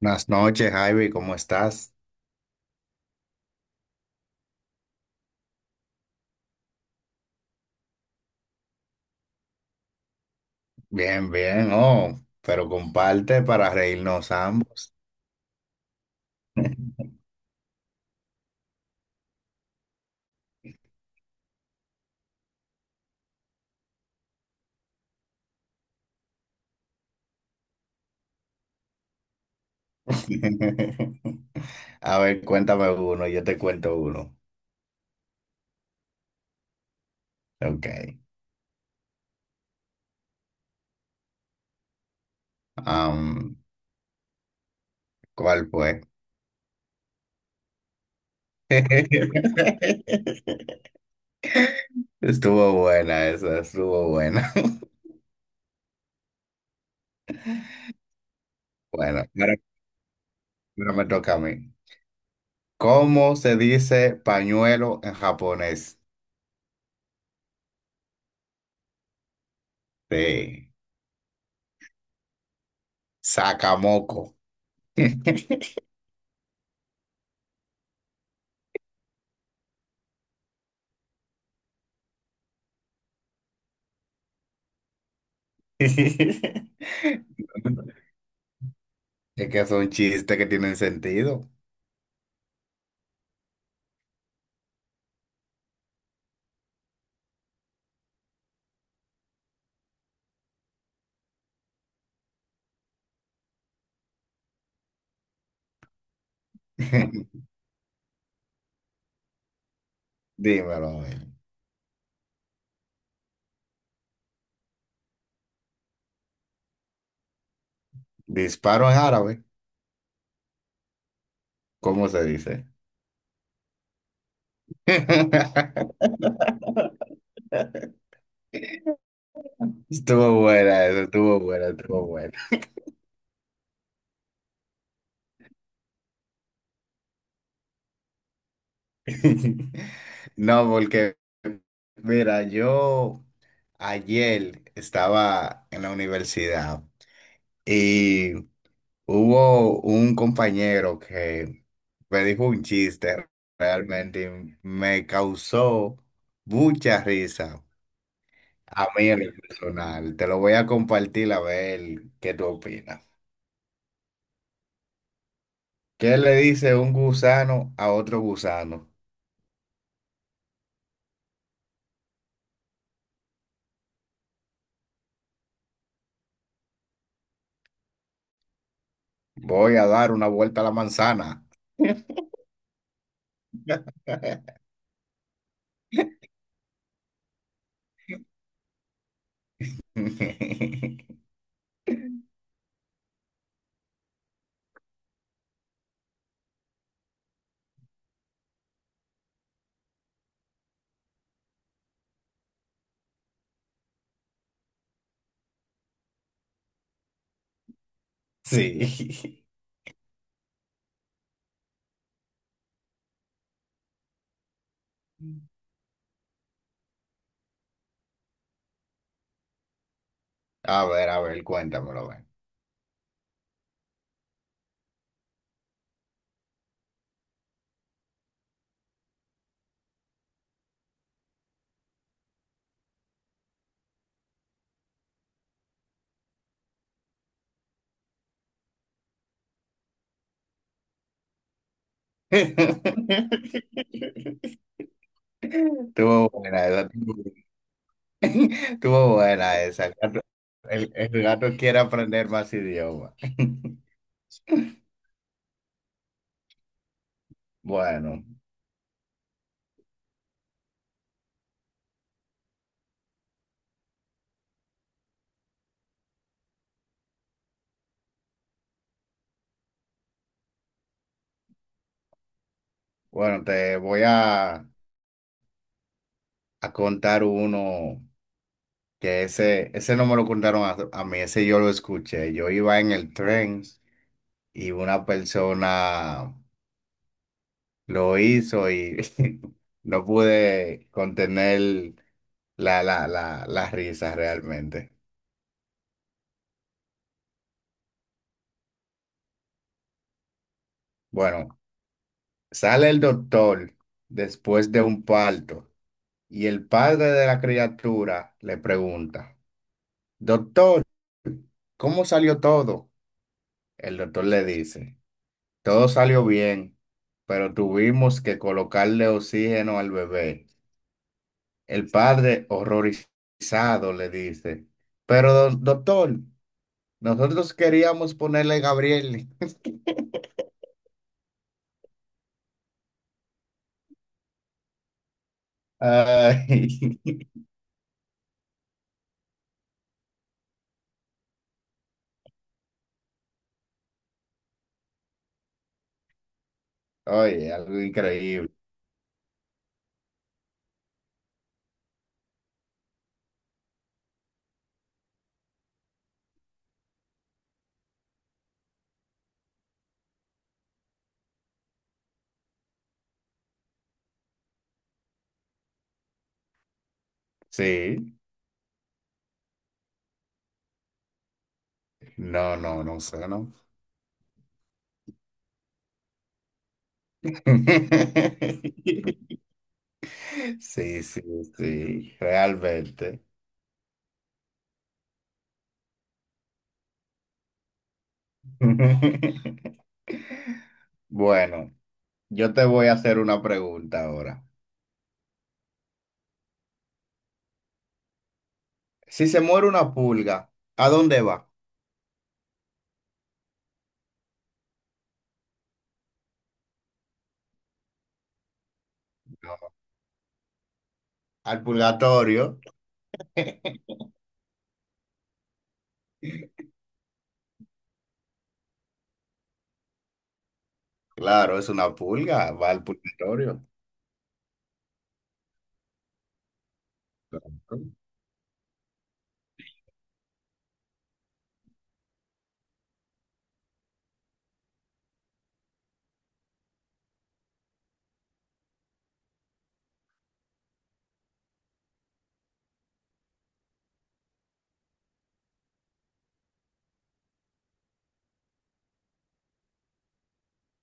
Buenas noches, Ivy, ¿cómo estás? Bien, bien, pero comparte para reírnos ambos. A ver, cuéntame uno, yo te cuento uno. Ok. am, ¿cuál fue? Estuvo buena esa, estuvo buena. Bueno, ahora me toca a mí. ¿Cómo se dice pañuelo en japonés? Sí, sakamoko. Es que es un chiste que tiene sentido. Dímelo, a ver. Disparo en árabe, ¿cómo se dice? Estuvo buena, eso, estuvo buena, estuvo buena. No, porque, mira, yo ayer estaba en la universidad y hubo un compañero que me dijo un chiste realmente y me causó mucha risa. A mí en lo personal, te lo voy a compartir a ver qué tú opinas. ¿Qué le dice un gusano a otro gusano? Voy a dar una vuelta a la manzana. Sí. A ver, cuéntamelo, a ver. Estuvo buena esa. Estuvo buena esa. El gato, el gato quiere aprender más idiomas. Bueno, bueno, te voy a contar uno. Que ese no me lo contaron a mí, ese yo lo escuché. Yo iba en el tren y una persona lo hizo y no pude contener la risa realmente. Bueno, sale el doctor después de un parto y el padre de la criatura le pregunta, doctor, ¿cómo salió todo? El doctor le dice. Todo salió bien, pero tuvimos que colocarle oxígeno al bebé. El padre, horrorizado, le dice, pero doctor, nosotros queríamos ponerle Gabriel. Ay, oye, algo increíble. Sí, no, no, no sé, ¿no? Sí, sí, sí, realmente. Bueno, yo te voy a hacer una pregunta ahora. Si se muere una pulga, ¿a dónde va? No, al purgatorio. Claro, es una pulga, va al purgatorio. Claro.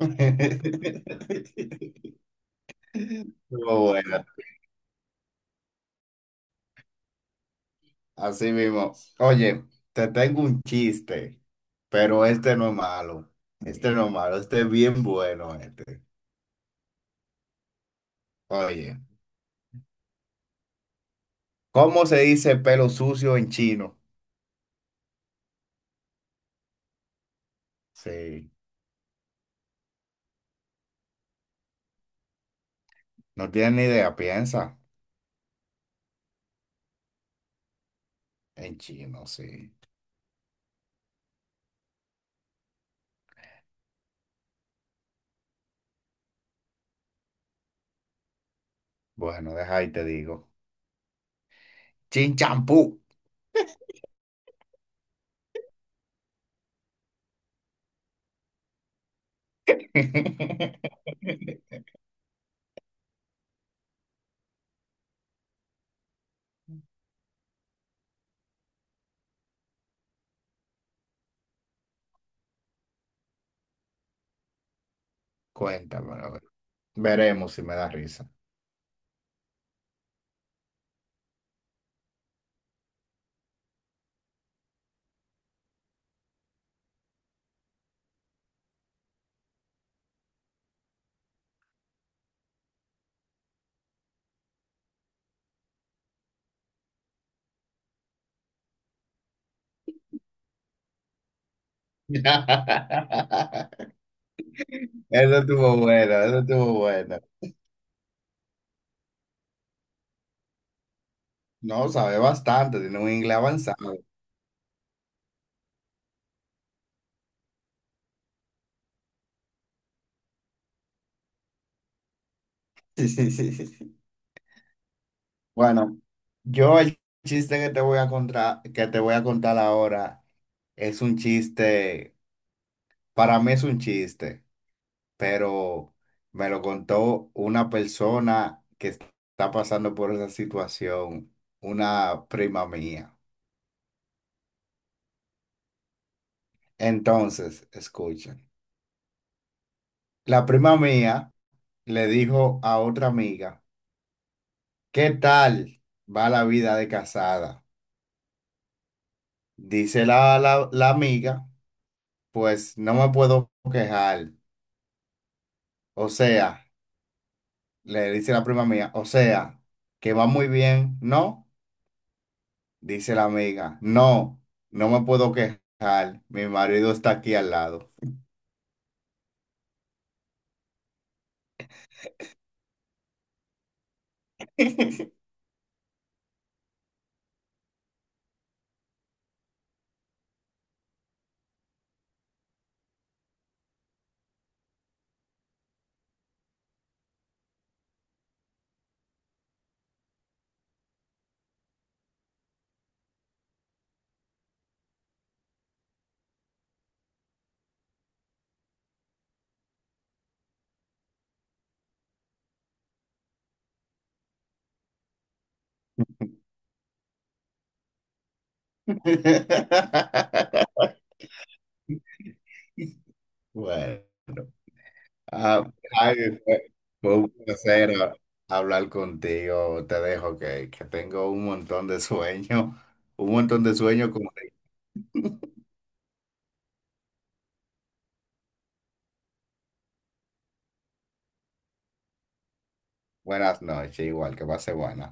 Estuvo buena, así mismo. Oye, te tengo un chiste, pero este no es malo. Este no es malo, este es bien bueno este. Oye, ¿cómo se dice pelo sucio en chino? Sí, no tienes ni idea, piensa en chino, sí. Bueno, deja y te digo. Chin champú. Cuéntamelo. Veremos si me da risa. Eso estuvo bueno, eso estuvo bueno. No, sabe bastante, tiene un inglés avanzado. Sí, sí, sí, sí, sí. Bueno, yo el chiste que te voy a contar, que te voy a contar ahora es un chiste, para mí es un chiste, pero me lo contó una persona que está pasando por esa situación, una prima mía. Entonces, escuchen. La prima mía le dijo a otra amiga, ¿qué tal va la vida de casada? Dice la amiga, pues no me puedo quejar. O sea, le dice la prima mía, o sea, que va muy bien, ¿no? Dice la amiga, no, no me puedo quejar. Mi marido está aquí al lado. Bueno. Ah, ay, fue, fue un placer hablar contigo. Te dejo que tengo un montón de sueño, un montón de sueño. Como... Buenas noches, igual que pase buena.